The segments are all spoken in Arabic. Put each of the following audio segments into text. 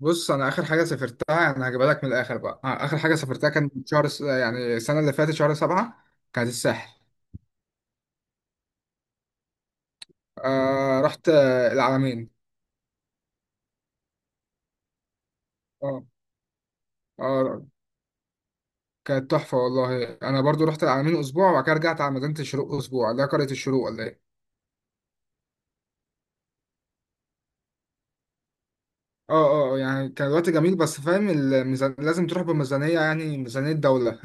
بص انا اخر حاجه سافرتها، يعني هجيبها لك من الاخر بقى. اخر حاجه سافرتها كان يعني السنه اللي فاتت شهر سبعة، كانت الساحل. رحت، العلمين. اه اه، كانت تحفه والله. انا برضو رحت العلمين اسبوع وبعد كده رجعت على مدينه الشروق اسبوع، اللي هي قريه الشروق ولا ايه. اه اه، يعني كان الوقت جميل، بس فاهم الميزان، لازم تروح بميزانيه، يعني ميزانيه دوله.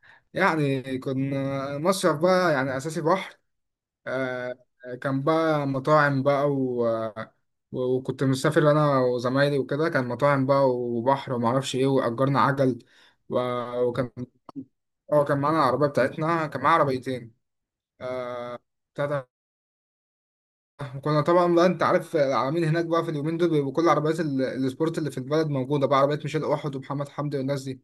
يعني كنا مصيف بقى، يعني اساسي بحر. آه، كان بقى مطاعم بقى و- وكنت مسافر انا وزمايلي وكده، كان مطاعم بقى وبحر وما اعرفش ايه، واجرنا عجل و... وكان، اه كان معانا العربيه بتاعتنا، كان معانا عربيتين. آه... بتاع ده. كنا طبعا بقى، انت عارف العالمين هناك بقى في اليومين دول بيبقوا كل عربيات السبورت اللي في البلد موجوده بقى، عربيات ميشيل احد ومحمد حمدي والناس دي.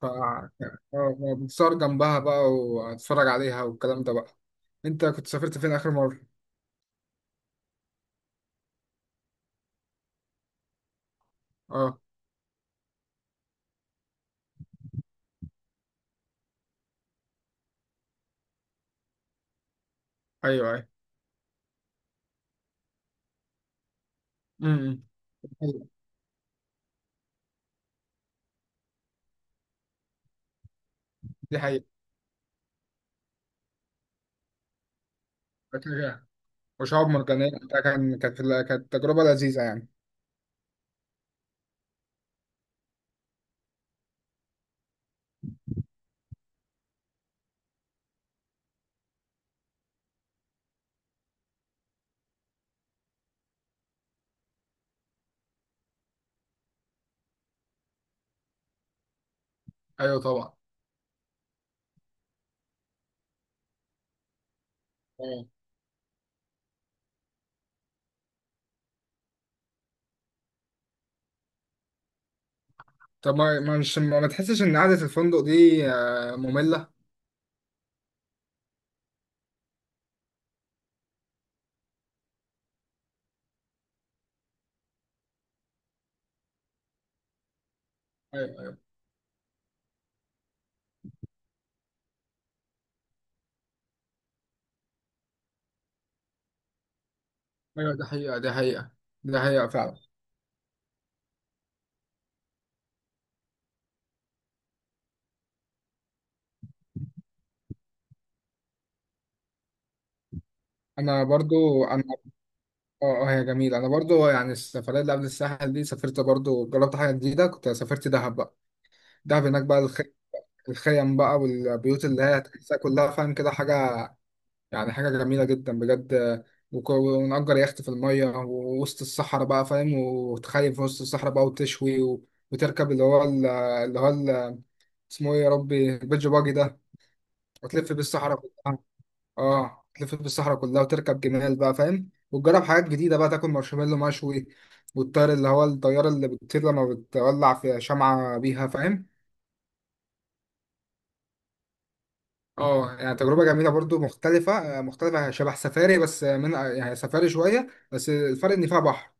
ف آه، آه، بتصور جنبها بقى وتتفرج عليها والكلام ده بقى. انت كنت سافرت فين اخر مره؟ اه، ايوه ايوه، أيوة، دي حقيقة. فاكهة وشعاب مرجانية وبتاع، كان كانت تجربة لذيذة يعني. ايوه طبعا. أيوة. طب ما ما مش ما ما تحسش إن قعدة الفندق دي مملة؟ ايوه، ايوه. دي حقيقة دي حقيقة فعلا. أنا برضو أنا آه هي جميلة. أنا برضو يعني السفرية اللي قبل الساحل دي سافرت برضو، جربت حاجة جديدة، كنت سافرت دهب بقى. دهب هناك بقى، الخيم بقى والبيوت اللي هي تحسها كلها فاهم كده، حاجة يعني حاجة جميلة جدا بجد. وك- ونأجر يخت في المية ووسط الصحراء بقى فاهم، وتخيم في وسط الصحراء بقى وتشوي وتركب اسمه ايه يا ربي، البيتش باجي ده، وتلف بالصحراء كلها. اه، تلف بالصحراء كلها وتركب جمال بقى فاهم، وتجرب حاجات جديدة بقى، تاكل مارشميلو مشوي والطير اللي هو الطيارة اللي بتطير لما بتولع في شمعة بيها فاهم. اه، يعني تجربة جميلة برضو مختلفة، شبه سفاري، بس من يعني سفاري شوية، بس الفرق ان فيها بحر.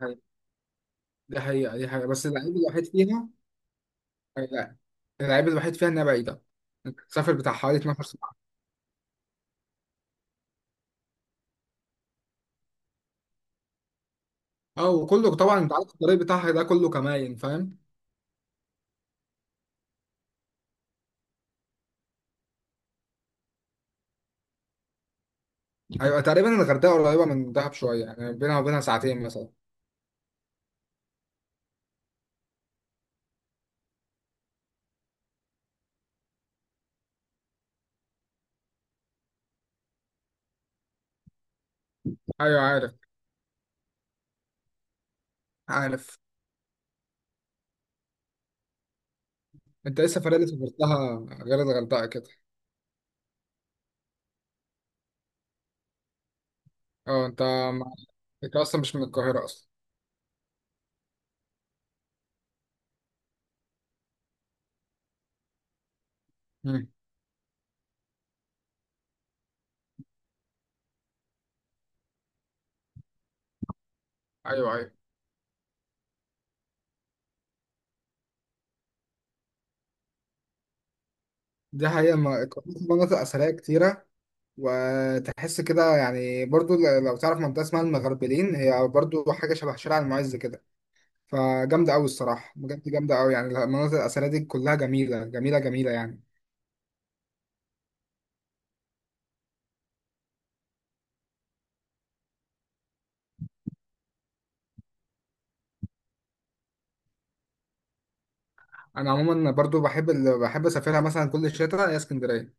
حقيقة. دي حقيقة، بس اللعيب الوحيد فيها. لا، اللعيب الوحيد فيها إنها بعيدة. سافر بتاع حوالي 12 ساعة. اه، وكله طبعا أنت عارف الطريق بتاعها ده كله كماين فاهم. أيوة، تقريبا الغردقة قريبة من دهب شوية، يعني بينها وبينها ساعتين مثلا. أيوة عارف، عارف. أنت إيه السفرية اللي سافرتها غير الغردقة كده؟ اه أنت مع- أنت أصلا مش من القاهرة أصلا. مم. أيوة أيوة. دي حقيقة، القاهرة في مناطق أثرية كتيرة، وتحس كده يعني برضو، لو تعرف منطقة اسمها المغربلين، هي برضو حاجة شبه شارع المعز كده، فجامدة أوي الصراحة، بجد جامدة أوي. يعني المناطق الأثرية دي كلها جميلة جميلة جميلة يعني. أنا عموما برضو بحب أسافرها مثلا كل شتاء، هي اسكندرية.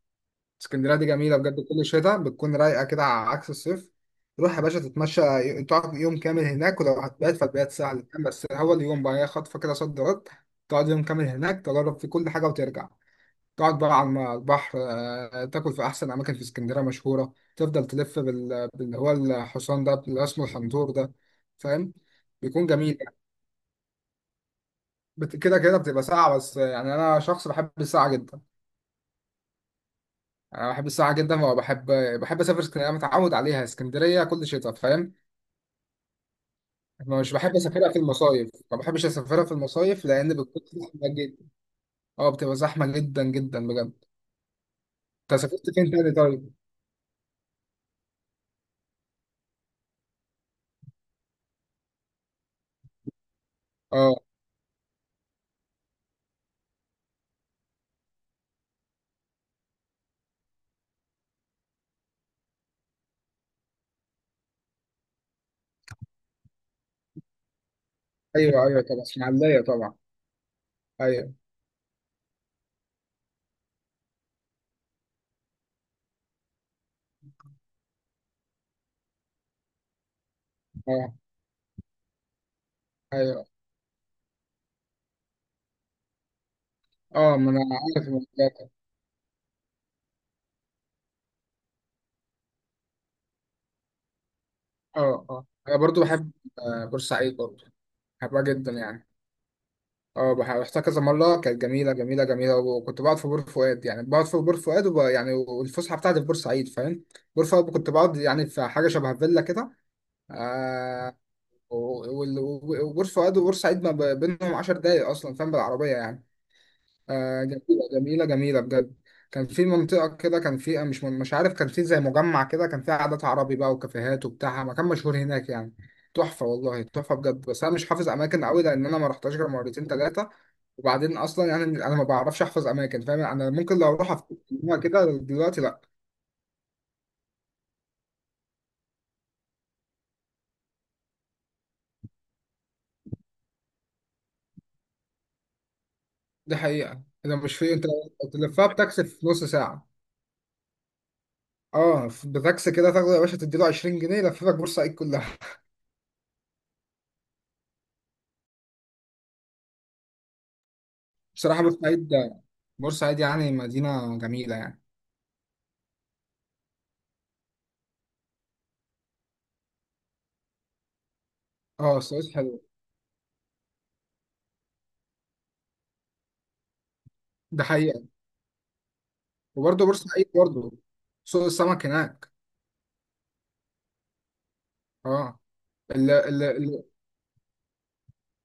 اسكندرية دي جميلة بجد، كل شتاء بتكون رايقة كده على عكس الصيف. تروح يا باشا تتمشى، تقعد يوم كامل هناك، ولو هتبات فالبيات سهل، بس هو اليوم بقى هي خطفة كده، صد رد. تقعد يوم كامل هناك تجرب في كل حاجة وترجع، تقعد بقى على البحر، تاكل في احسن اماكن في اسكندريه مشهوره، تفضل تلف باللي هو الحصان ده اللي اسمه الحنطور ده فاهم. بيكون جميل يعني. كده كده بتبقى ساعه بس، يعني انا شخص بحب الساعه جدا، انا بحب الساعه جدا، وبحب، بحب اسافر اسكندريه، أنا متعود عليها اسكندريه كل شتاء فاهم. أنا مش بحب اسافرها في المصايف، ما بحبش اسافرها في المصايف لان بتكون زحمه جدا. اه بتبقى زحمه جدا جدا بجد. انت سافرت فين تاني طيب؟ اه ايوه، ايوه طبعا اسماعيليه طبعا. ايوه. اه ايوه. اه ما انا عارف الموضوع ده. اه اه انا برضو بحب، بورسعيد برضو، بحبها جدا يعني. اه، رحتها كذا مرة، كانت جميلة جميلة جميلة، وكنت بقعد في بور فؤاد، يعني بقعد في بور فؤاد يعني، والفسحة بتاعتي في بورسعيد فاهم. بور فؤاد كنت بقعد يعني في حاجة شبه فيلا كده. آه و- وال- وبور فؤاد وبورسعيد ما ب- بينهم 10 دقايق أصلا فاهم، بالعربية يعني. آه جميلة جميلة جميلة بجد. كان في منطقة كده، كان في مش عارف، كان في زي مجمع كده، كان فيه عادات عربي بقى وكافيهات وبتاع، مكان مشهور هناك يعني. تحفة والله، تحفة بجد. بس أنا مش حافظ أماكن قوي، لأن أنا ما رحتهاش غير مرتين تلاتة، وبعدين أصلا يعني أنا ما بعرفش أحفظ أماكن فاهم، أنا ممكن لو أروح أفتكرها كده دلوقتي، لأ. دي حقيقة، إذا مش في أنت تلفها بتاكسي في نص ساعة. اه، بتاكسي كده، تاخده يا باشا تديله 20 جنيه يلففك بورسعيد كلها. بصراحة بورسعيد، يعني مدينة جميلة يعني. اه السويس حلو. ده حقيقة. وبرضه بورسعيد برضه، سوق السمك هناك. اه ال ال ال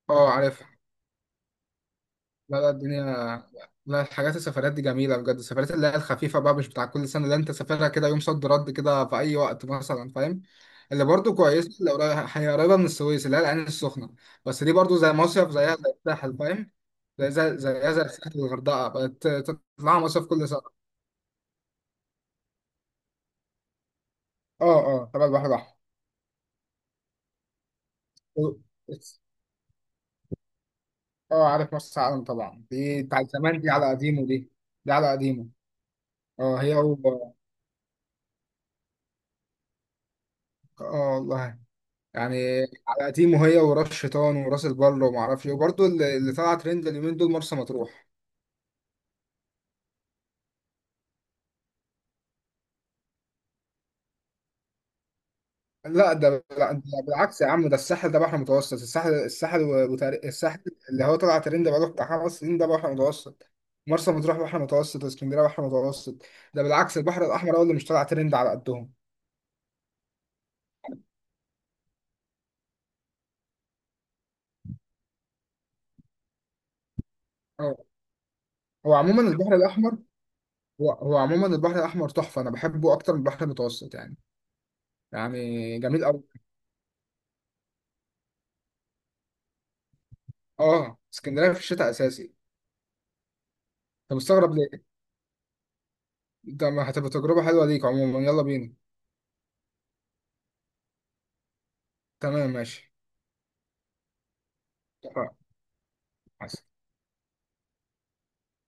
اه عارفها. لا لا الدنيا، لا، الحاجات السفرات دي جميلة بجد، السفرات اللي هي الخفيفة بقى، مش بتاع كل سنة، اللي انت سافرها كده يوم صد رد كده في أي وقت مثلا فاهم. اللي برضه كويسة اللي قريبة، هي قريبة من السويس، اللي هي العين السخنة. بس دي برضه زي مصيف، زيها زي الساحل فاهم. زي زي زيها زي الساحل، الغردقة بقت تطلع مصيف كل سنة. اه اه تبع البحر الأحمر. اه عارف مرسى علم طبعا، دي بتاع زمان، دي على قديمه دي، دي على قديمه اه هي اه والله يعني، على قديمه هي، وراس شيطان وراس البر وما اعرفش ايه. وبرضه اللي طلع ترند اليومين دول مرسى مطروح. لا ده بالعكس يا عم، ده الساحل ده بحر متوسط، الساحل الساحل الساحل اللي هو طلع ترند بقاله بتاع خمس سنين ده بحر متوسط، مرسى مطروح بحر متوسط، واسكندريه بحر متوسط. ده بالعكس البحر الاحمر هو اللي مش طلع ترند على قدهم. اه، عموما البحر الاحمر، هو عموما البحر الاحمر تحفه، انا بحبه اكتر من البحر المتوسط يعني، يعني جميل قوي. اه، اسكندريه في الشتاء اساسي. انت مستغرب ليه؟ ده ما هتبقى تجربه حلوه ليك، عموما يلا بينا. تمام ماشي. اتفقنا.